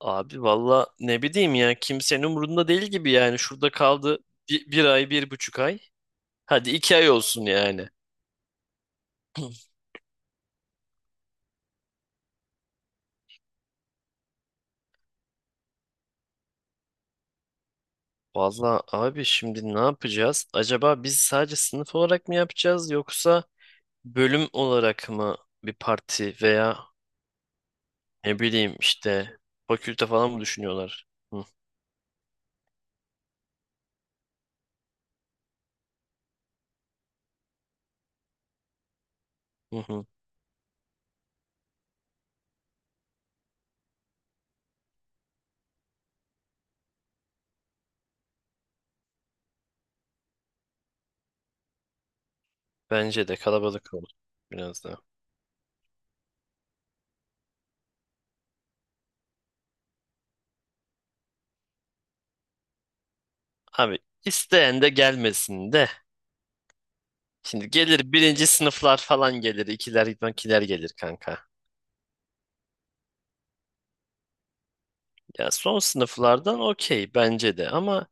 Abi valla ne bileyim ya kimsenin umurunda değil gibi yani şurada kaldı bir ay 1,5 ay hadi 2 ay olsun yani. Valla abi şimdi ne yapacağız? Acaba biz sadece sınıf olarak mı yapacağız yoksa bölüm olarak mı bir parti veya ne bileyim işte fakülte falan mı düşünüyorlar? Hı, hı, hı. Bence de kalabalık olur biraz da. Abi isteyen de gelmesin de. Şimdi gelir birinci sınıflar falan gelir, ikiler gelir kanka. Ya son sınıflardan okey bence de ama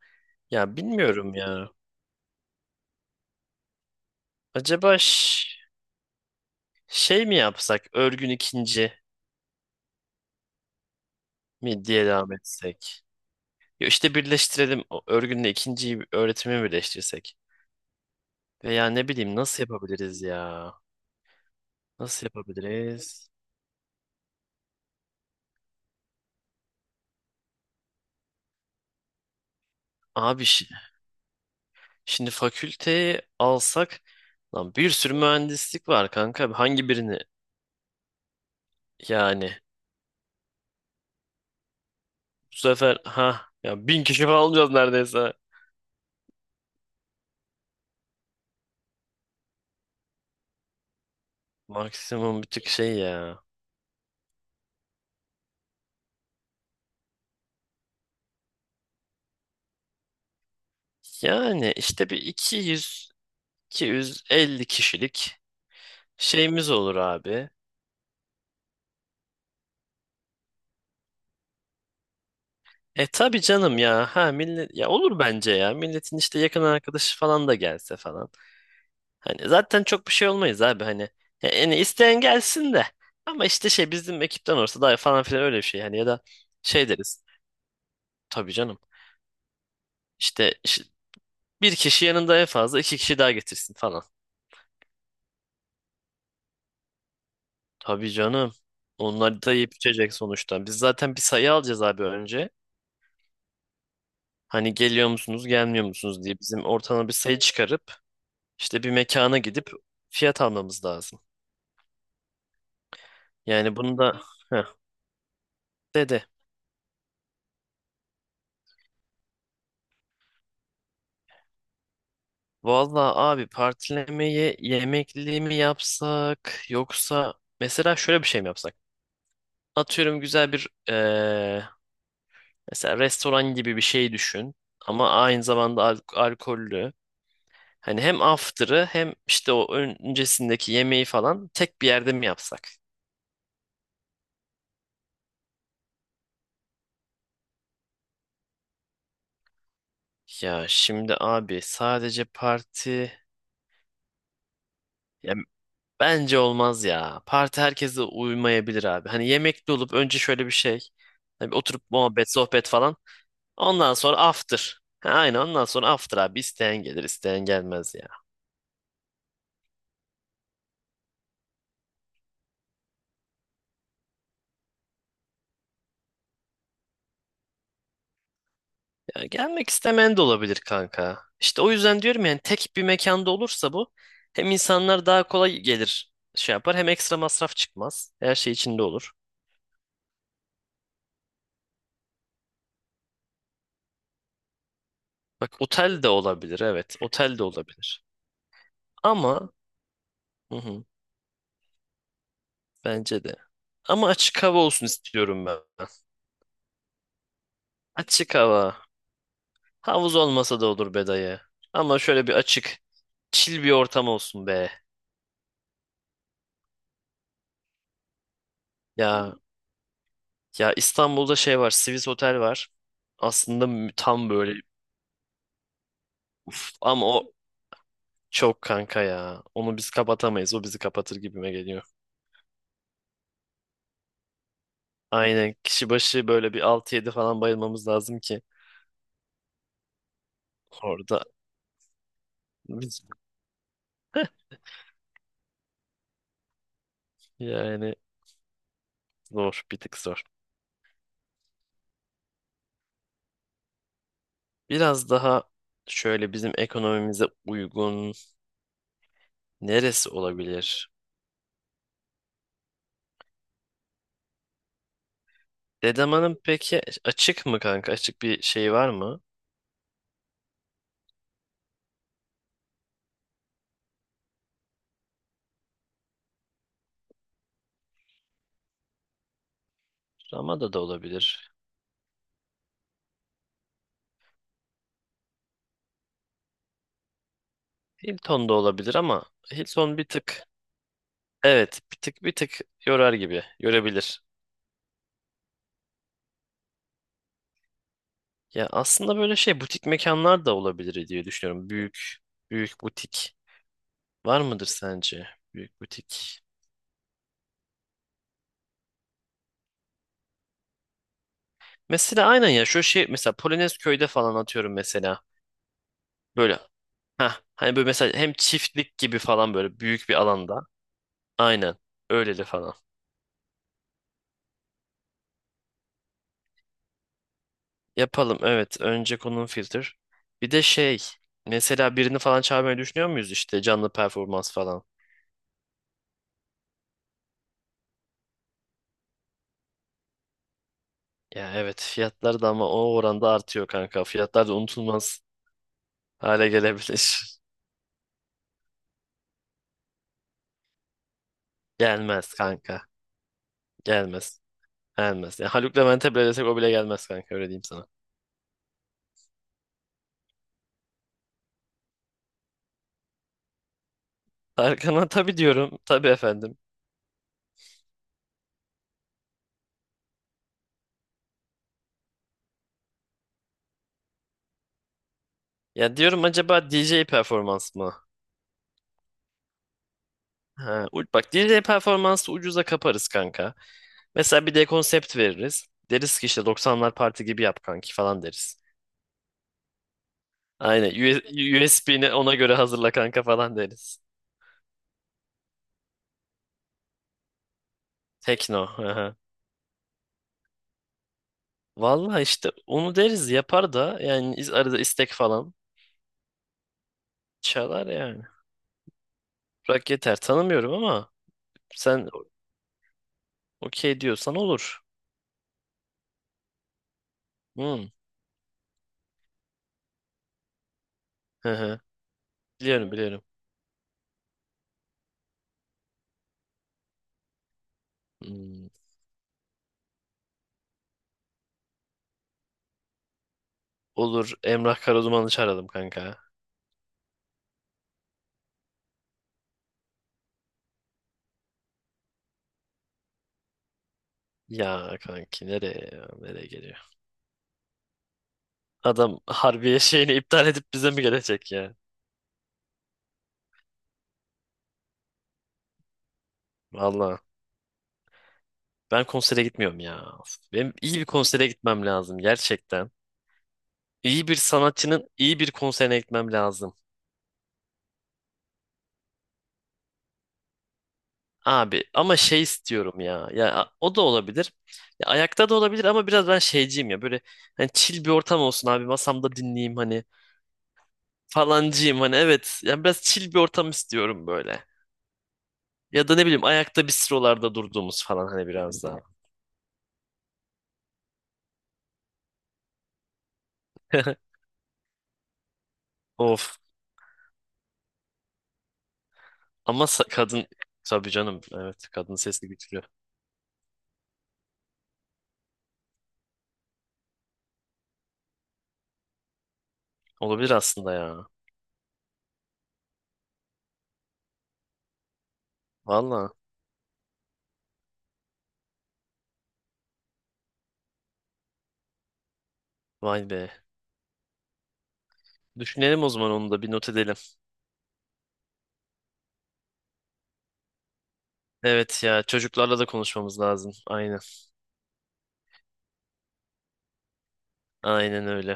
ya bilmiyorum ya. Acaba şey mi yapsak örgün ikinci mi diye devam etsek? Ya işte birleştirelim o örgünle ikinciyi öğretimi birleştirsek. Veya ne bileyim nasıl yapabiliriz ya? Nasıl yapabiliriz? Abi şimdi fakülteyi alsak lan bir sürü mühendislik var kanka. Hangi birini yani? Bu sefer ha ya 1.000 kişi falan alacağız neredeyse. Maksimum bir tık şey ya. Yani işte bir iki iki yüz 250 kişilik şeyimiz olur abi. E tabii canım ya. Ha millet ya olur bence ya. Milletin işte yakın arkadaşı falan da gelse falan. Hani zaten çok bir şey olmayız abi hani. Ya yani isteyen gelsin de. Ama işte şey bizim ekipten olursa daha falan filan öyle bir şey hani ya da şey deriz. Tabii canım. İşte, işte bir kişi yanında en fazla iki kişi daha getirsin falan. Tabii canım. Onlar da yiyip içecek sonuçta. Biz zaten bir sayı alacağız abi önce. Hani geliyor musunuz, gelmiyor musunuz diye bizim ortama bir sayı çıkarıp işte bir mekana gidip fiyat almamız lazım. Yani bunu da heh, dedi. Vallahi abi partilemeye yemekli mi yapsak yoksa mesela şöyle bir şey mi yapsak? Atıyorum güzel bir mesela restoran gibi bir şey düşün ama aynı zamanda alkollü. Hani hem after'ı hem işte o öncesindeki yemeği falan tek bir yerde mi yapsak? Ya şimdi abi sadece parti ya bence olmaz ya. Parti herkese uymayabilir abi. Hani yemekli olup önce şöyle bir şey. Hani bir oturup muhabbet, sohbet falan. Ondan sonra after. Ha, aynen ondan sonra after abi. İsteyen gelir, isteyen gelmez ya. Ya gelmek istemeyen de olabilir kanka. İşte o yüzden diyorum yani tek bir mekanda olursa bu hem insanlar daha kolay gelir şey yapar hem ekstra masraf çıkmaz. Her şey içinde olur. Bak otel de olabilir evet. Otel de olabilir. Ama hı hı, bence de. Ama açık hava olsun istiyorum ben. Açık hava. Havuz olmasa da olur be dayı. Ama şöyle bir açık, chill bir ortam olsun be. Ya ya İstanbul'da şey var, Swiss Otel var. Aslında tam böyle uf, ama o çok kanka ya. Onu biz kapatamayız. O bizi kapatır gibime geliyor. Aynen kişi başı böyle bir 6 yedi falan bayılmamız lazım ki orada biz yani zor, bir tık zor. Biraz daha şöyle bizim ekonomimize uygun neresi olabilir? Dedeman'ın peki açık mı kanka? Açık bir şey var mı? Ramada da olabilir. Hilton da olabilir ama Hilton bir tık evet bir tık yorar gibi görebilir. Ya aslında böyle şey butik mekanlar da olabilir diye düşünüyorum. Büyük büyük butik var mıdır sence? Büyük butik. Mesela aynen ya şu şey mesela Polonez köyde falan atıyorum mesela. Böyle ha hani böyle mesela hem çiftlik gibi falan böyle büyük bir alanda. Aynen öyleli falan. Yapalım evet. Önce konum filter. Bir de şey mesela birini falan çağırmayı düşünüyor muyuz işte canlı performans falan. Ya evet fiyatlar da ama o oranda artıyor kanka. Fiyatlar da unutulmaz hale gelebilir. Gelmez kanka. Gelmez. Gelmez. Ya Haluk Levent'e bile desek o bile gelmez kanka öyle diyeyim sana. Tarkan'a tabii diyorum. Tabii efendim. Ya diyorum acaba DJ performans mı? Ha, bak DJ performansı ucuza kaparız kanka. Mesela bir de konsept veririz. Deriz ki işte 90'lar parti gibi yap kanki falan deriz. Aynen. USB'ni ona göre hazırla kanka falan deriz. Tekno. Aha. Vallahi işte onu deriz yapar da yani arada istek falan çalar yani. Bırak yeter tanımıyorum ama sen okey diyorsan olur. Hmm. Hı hı. Biliyorum biliyorum. Hmm. Olur Emrah Karaduman'ı çağıralım kanka. Ya kanki nereye ya, nereye geliyor? Adam Harbiye şeyini iptal edip bize mi gelecek ya? Vallahi. Ben konsere gitmiyorum ya. Of, benim iyi bir konsere gitmem lazım gerçekten. İyi bir sanatçının iyi bir konserine gitmem lazım. Abi ama şey istiyorum ya. Ya o da olabilir. Ya, ayakta da olabilir ama biraz ben şeyciyim ya. Böyle hani chill bir ortam olsun abi. Masamda dinleyeyim hani falancıyım hani evet. Yani biraz chill bir ortam istiyorum böyle. Ya da ne bileyim ayakta bistrolarda durduğumuz falan hani biraz daha. Of. Ama kadın tabii canım evet kadın sesi güçlü. Olabilir aslında ya. Valla. Vay be. Düşünelim o zaman onu da bir not edelim. Evet ya çocuklarla da konuşmamız lazım. Aynen. Aynen öyle.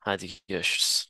Hadi görüşürüz.